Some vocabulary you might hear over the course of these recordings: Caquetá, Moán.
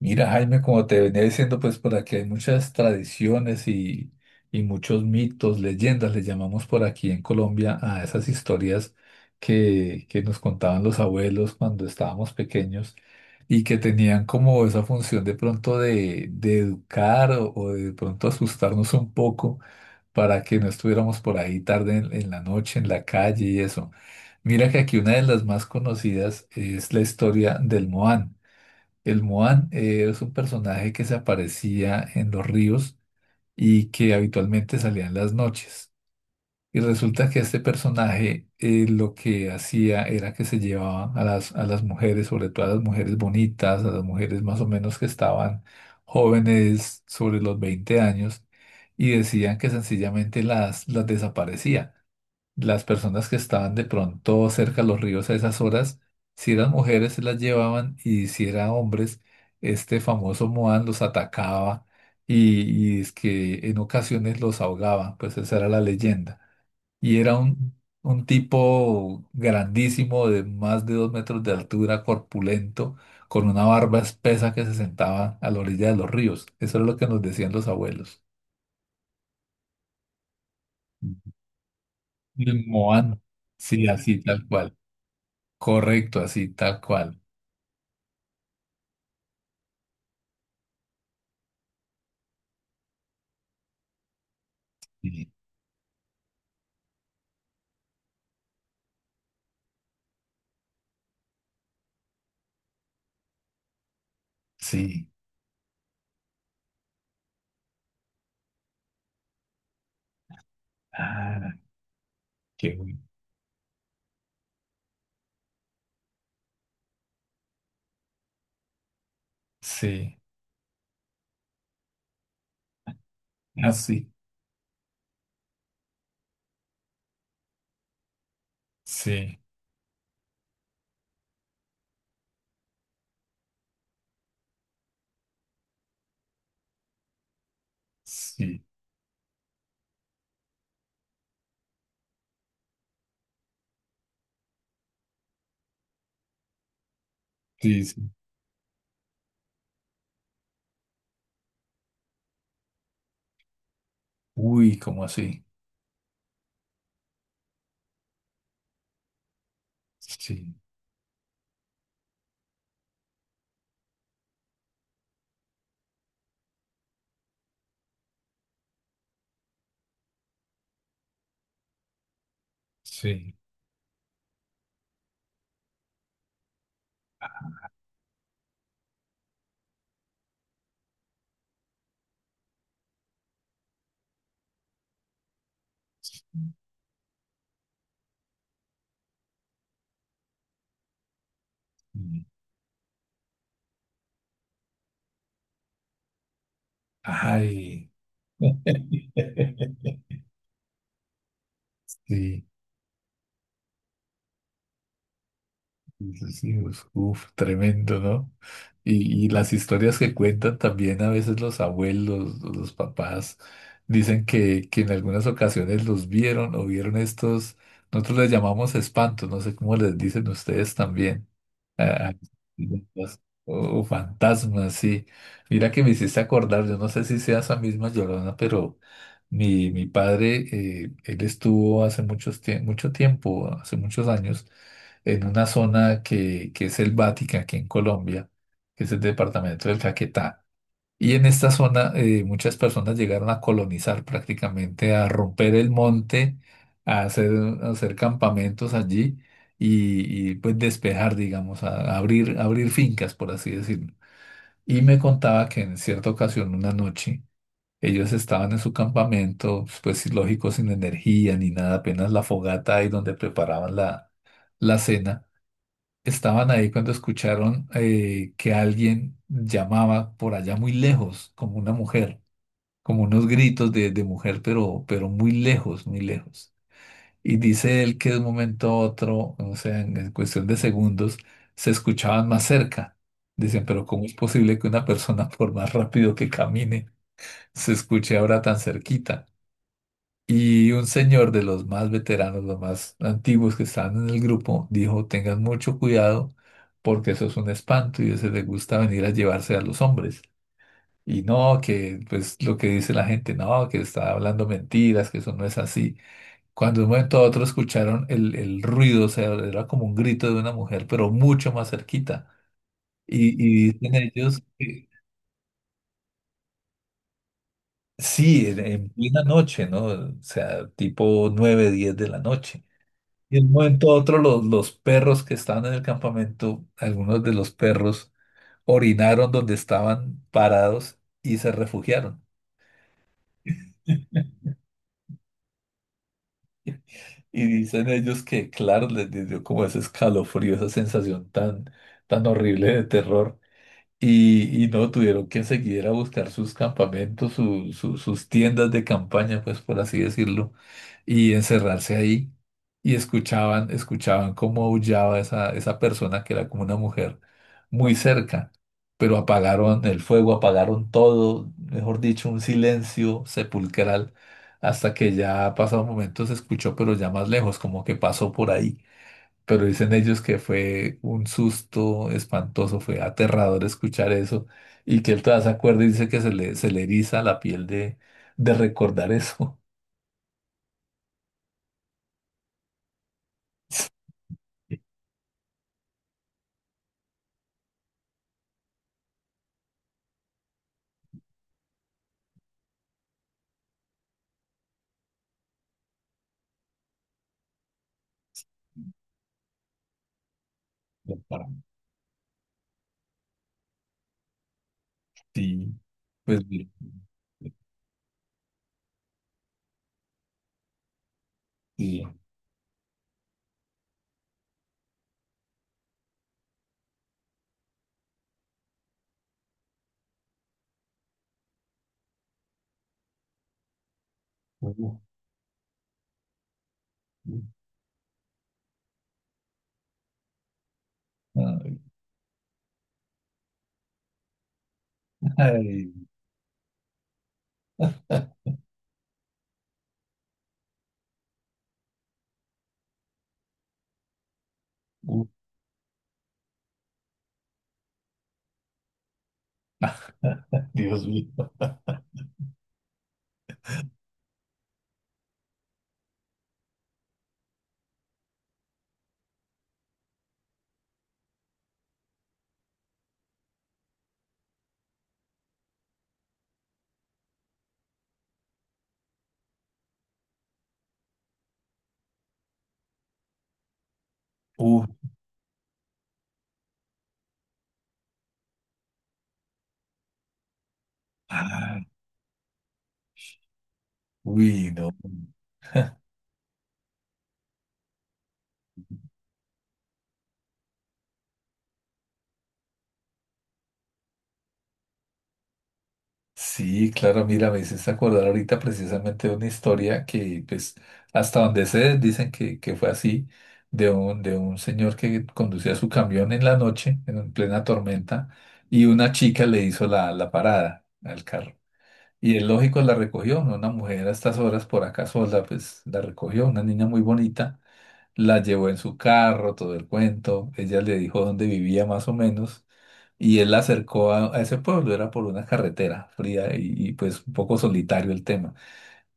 Mira, Jaime, como te venía diciendo, pues por aquí hay muchas tradiciones y muchos mitos, leyendas, le llamamos por aquí en Colombia a esas historias que nos contaban los abuelos cuando estábamos pequeños y que tenían como esa función de pronto de educar o de pronto asustarnos un poco para que no estuviéramos por ahí tarde en la noche, en la calle y eso. Mira que aquí una de las más conocidas es la historia del Moán. El Moan es un personaje que se aparecía en los ríos y que habitualmente salía en las noches. Y resulta que este personaje lo que hacía era que se llevaba a a las mujeres, sobre todo a las mujeres bonitas, a las mujeres más o menos que estaban jóvenes sobre los 20 años, y decían que sencillamente las desaparecía las personas que estaban de pronto cerca a los ríos a esas horas, si eran mujeres se las llevaban y si eran hombres, este famoso Moan los atacaba y es que en ocasiones los ahogaba, pues esa era la leyenda. Y era un tipo grandísimo de más de dos metros de altura, corpulento, con una barba espesa que se sentaba a la orilla de los ríos. Eso era lo que nos decían los abuelos. El Moan, sí, así tal cual. Correcto, así, tal cual. Sí. Sí. Ah, qué bueno. Sí. Así. Sí. Sí. Sí, sí. Uy, ¿cómo así? Sí. Sí. Sí. Ay. Sí. Sí, uf, uf, tremendo, ¿no? Y las historias que cuentan también a veces los abuelos, o los papás, dicen que en algunas ocasiones los vieron o vieron estos, nosotros les llamamos espantos, no sé cómo les dicen ustedes también, ah, los- oh, fantasmas, sí. Mira que me hiciste acordar, yo no sé si sea esa misma Llorona, pero mi padre, él estuvo hace mucho tiempo, hace muchos años, en una zona que es selvática aquí en Colombia, que es el departamento del Caquetá. Y en esta zona muchas personas llegaron a colonizar prácticamente, a romper el monte, a hacer, a hacer campamentos allí pues despejar, digamos, a abrir, abrir fincas, por así decirlo. Y me contaba que en cierta ocasión, una noche, ellos estaban en su campamento, pues sí, lógico, sin energía ni nada, apenas la fogata ahí donde preparaban la cena. Estaban ahí cuando escucharon que alguien llamaba por allá muy lejos, como una mujer, como unos gritos de mujer, pero muy lejos, muy lejos. Y dice él que de un momento a otro, o sea, en cuestión de segundos, se escuchaban más cerca. Dicen, pero ¿cómo es posible que una persona, por más rápido que camine, se escuche ahora tan cerquita? Y un señor de los más veteranos, los más antiguos que estaban en el grupo, dijo, tengan mucho cuidado porque eso es un espanto y a ese le gusta venir a llevarse a los hombres. Y no, que pues lo que dice la gente, no, que está hablando mentiras, que eso no es así. Cuando de un momento a otro escucharon el ruido, o sea, era como un grito de una mujer, pero mucho más cerquita. Y dicen ellos que sí, en plena noche, ¿no? O sea, tipo 9 10 de la noche. Y de un momento a otro los perros que estaban en el campamento, algunos de los perros orinaron donde estaban parados y se refugiaron. Y dicen ellos que, claro, les dio como ese escalofrío, esa sensación tan, tan horrible de terror. Y no tuvieron que seguir a buscar sus campamentos, sus tiendas de campaña, pues por así decirlo, y encerrarse ahí. Y escuchaban, escuchaban cómo aullaba esa persona que era como una mujer muy cerca, pero apagaron el fuego, apagaron todo, mejor dicho, un silencio sepulcral, hasta que ya pasado un momento se escuchó, pero ya más lejos, como que pasó por ahí, pero dicen ellos que fue un susto espantoso, fue aterrador escuchar eso y que él todavía se acuerda y dice que se le eriza la piel de recordar eso. Pero para ti, pues bien, bien. Uh, uh, ay, uh, Dios mío. Uh, ah, uy, no. Sí, claro, mira, me hiciste acordar ahorita precisamente de una historia que, pues, hasta donde sé, dicen que fue así, de un señor que conducía su camión en la noche, en plena tormenta, y una chica le hizo la parada al carro. Y él, lógico, la recogió, ¿no? Una mujer a estas horas por acá sola, pues, la recogió, una niña muy bonita, la llevó en su carro, todo el cuento. Ella le dijo dónde vivía más o menos. Y él la acercó a ese pueblo, era por una carretera fría pues un poco solitario el tema.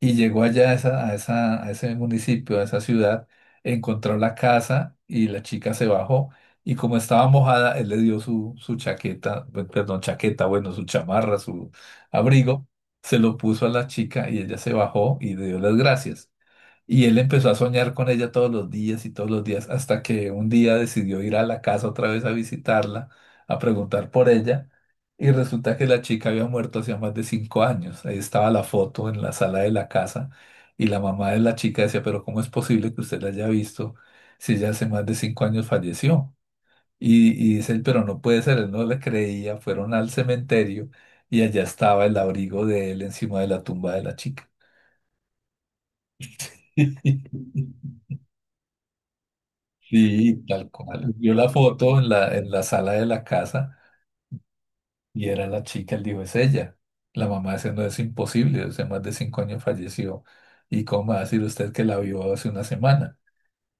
Y llegó allá a ese municipio, a esa ciudad, encontró la casa y la chica se bajó y como estaba mojada, él le dio su chaqueta, perdón, chaqueta, bueno, su chamarra, su abrigo, se lo puso a la chica y ella se bajó y le dio las gracias. Y él empezó a soñar con ella todos los días y todos los días, hasta que un día decidió ir a la casa otra vez a visitarla, a preguntar por ella. Y resulta que la chica había muerto hacía más de cinco años. Ahí estaba la foto en la sala de la casa. Y la mamá de la chica decía, pero ¿cómo es posible que usted la haya visto si ella hace más de cinco años falleció? Y dice él, pero no puede ser, él no le creía. Fueron al cementerio y allá estaba el abrigo de él encima de la tumba de la chica. Sí, tal cual. Vio la foto en la sala de la casa y era la chica, él dijo, es ella. La mamá dice no, es imposible, hace más de cinco años falleció. ¿Y cómo va a decir usted que la vio hace una semana?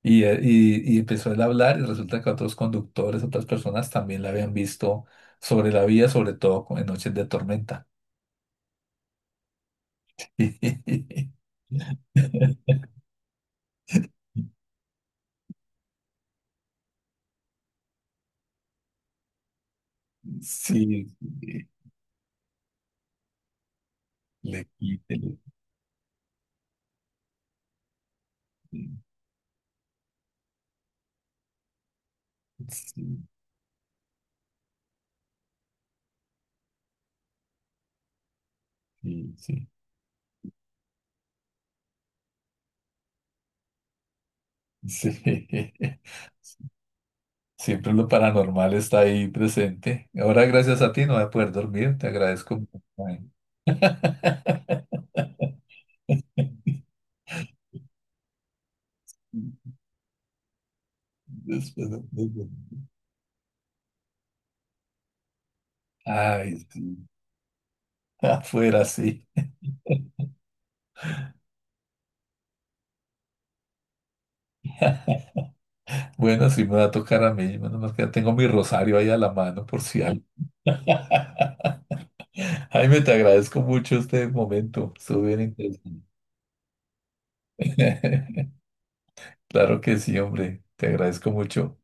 Y, y empezó él a hablar y resulta que otros conductores, otras personas también la habían visto sobre la vía, sobre todo en noches de tormenta. Sí, sí, le quite, quite. Sí, sí, sí. Sí. Siempre lo paranormal está ahí presente. Ahora, gracias a ti, no voy a poder dormir. Te agradezco mucho. Después de- ay, sí. Afuera, sí. Bueno, sí me va a tocar a mí. Menos mal que ya tengo mi rosario ahí a la mano por si algo. Jaime, te agradezco mucho este momento. Estuvo bien interesante. Claro que sí, hombre. Te agradezco mucho.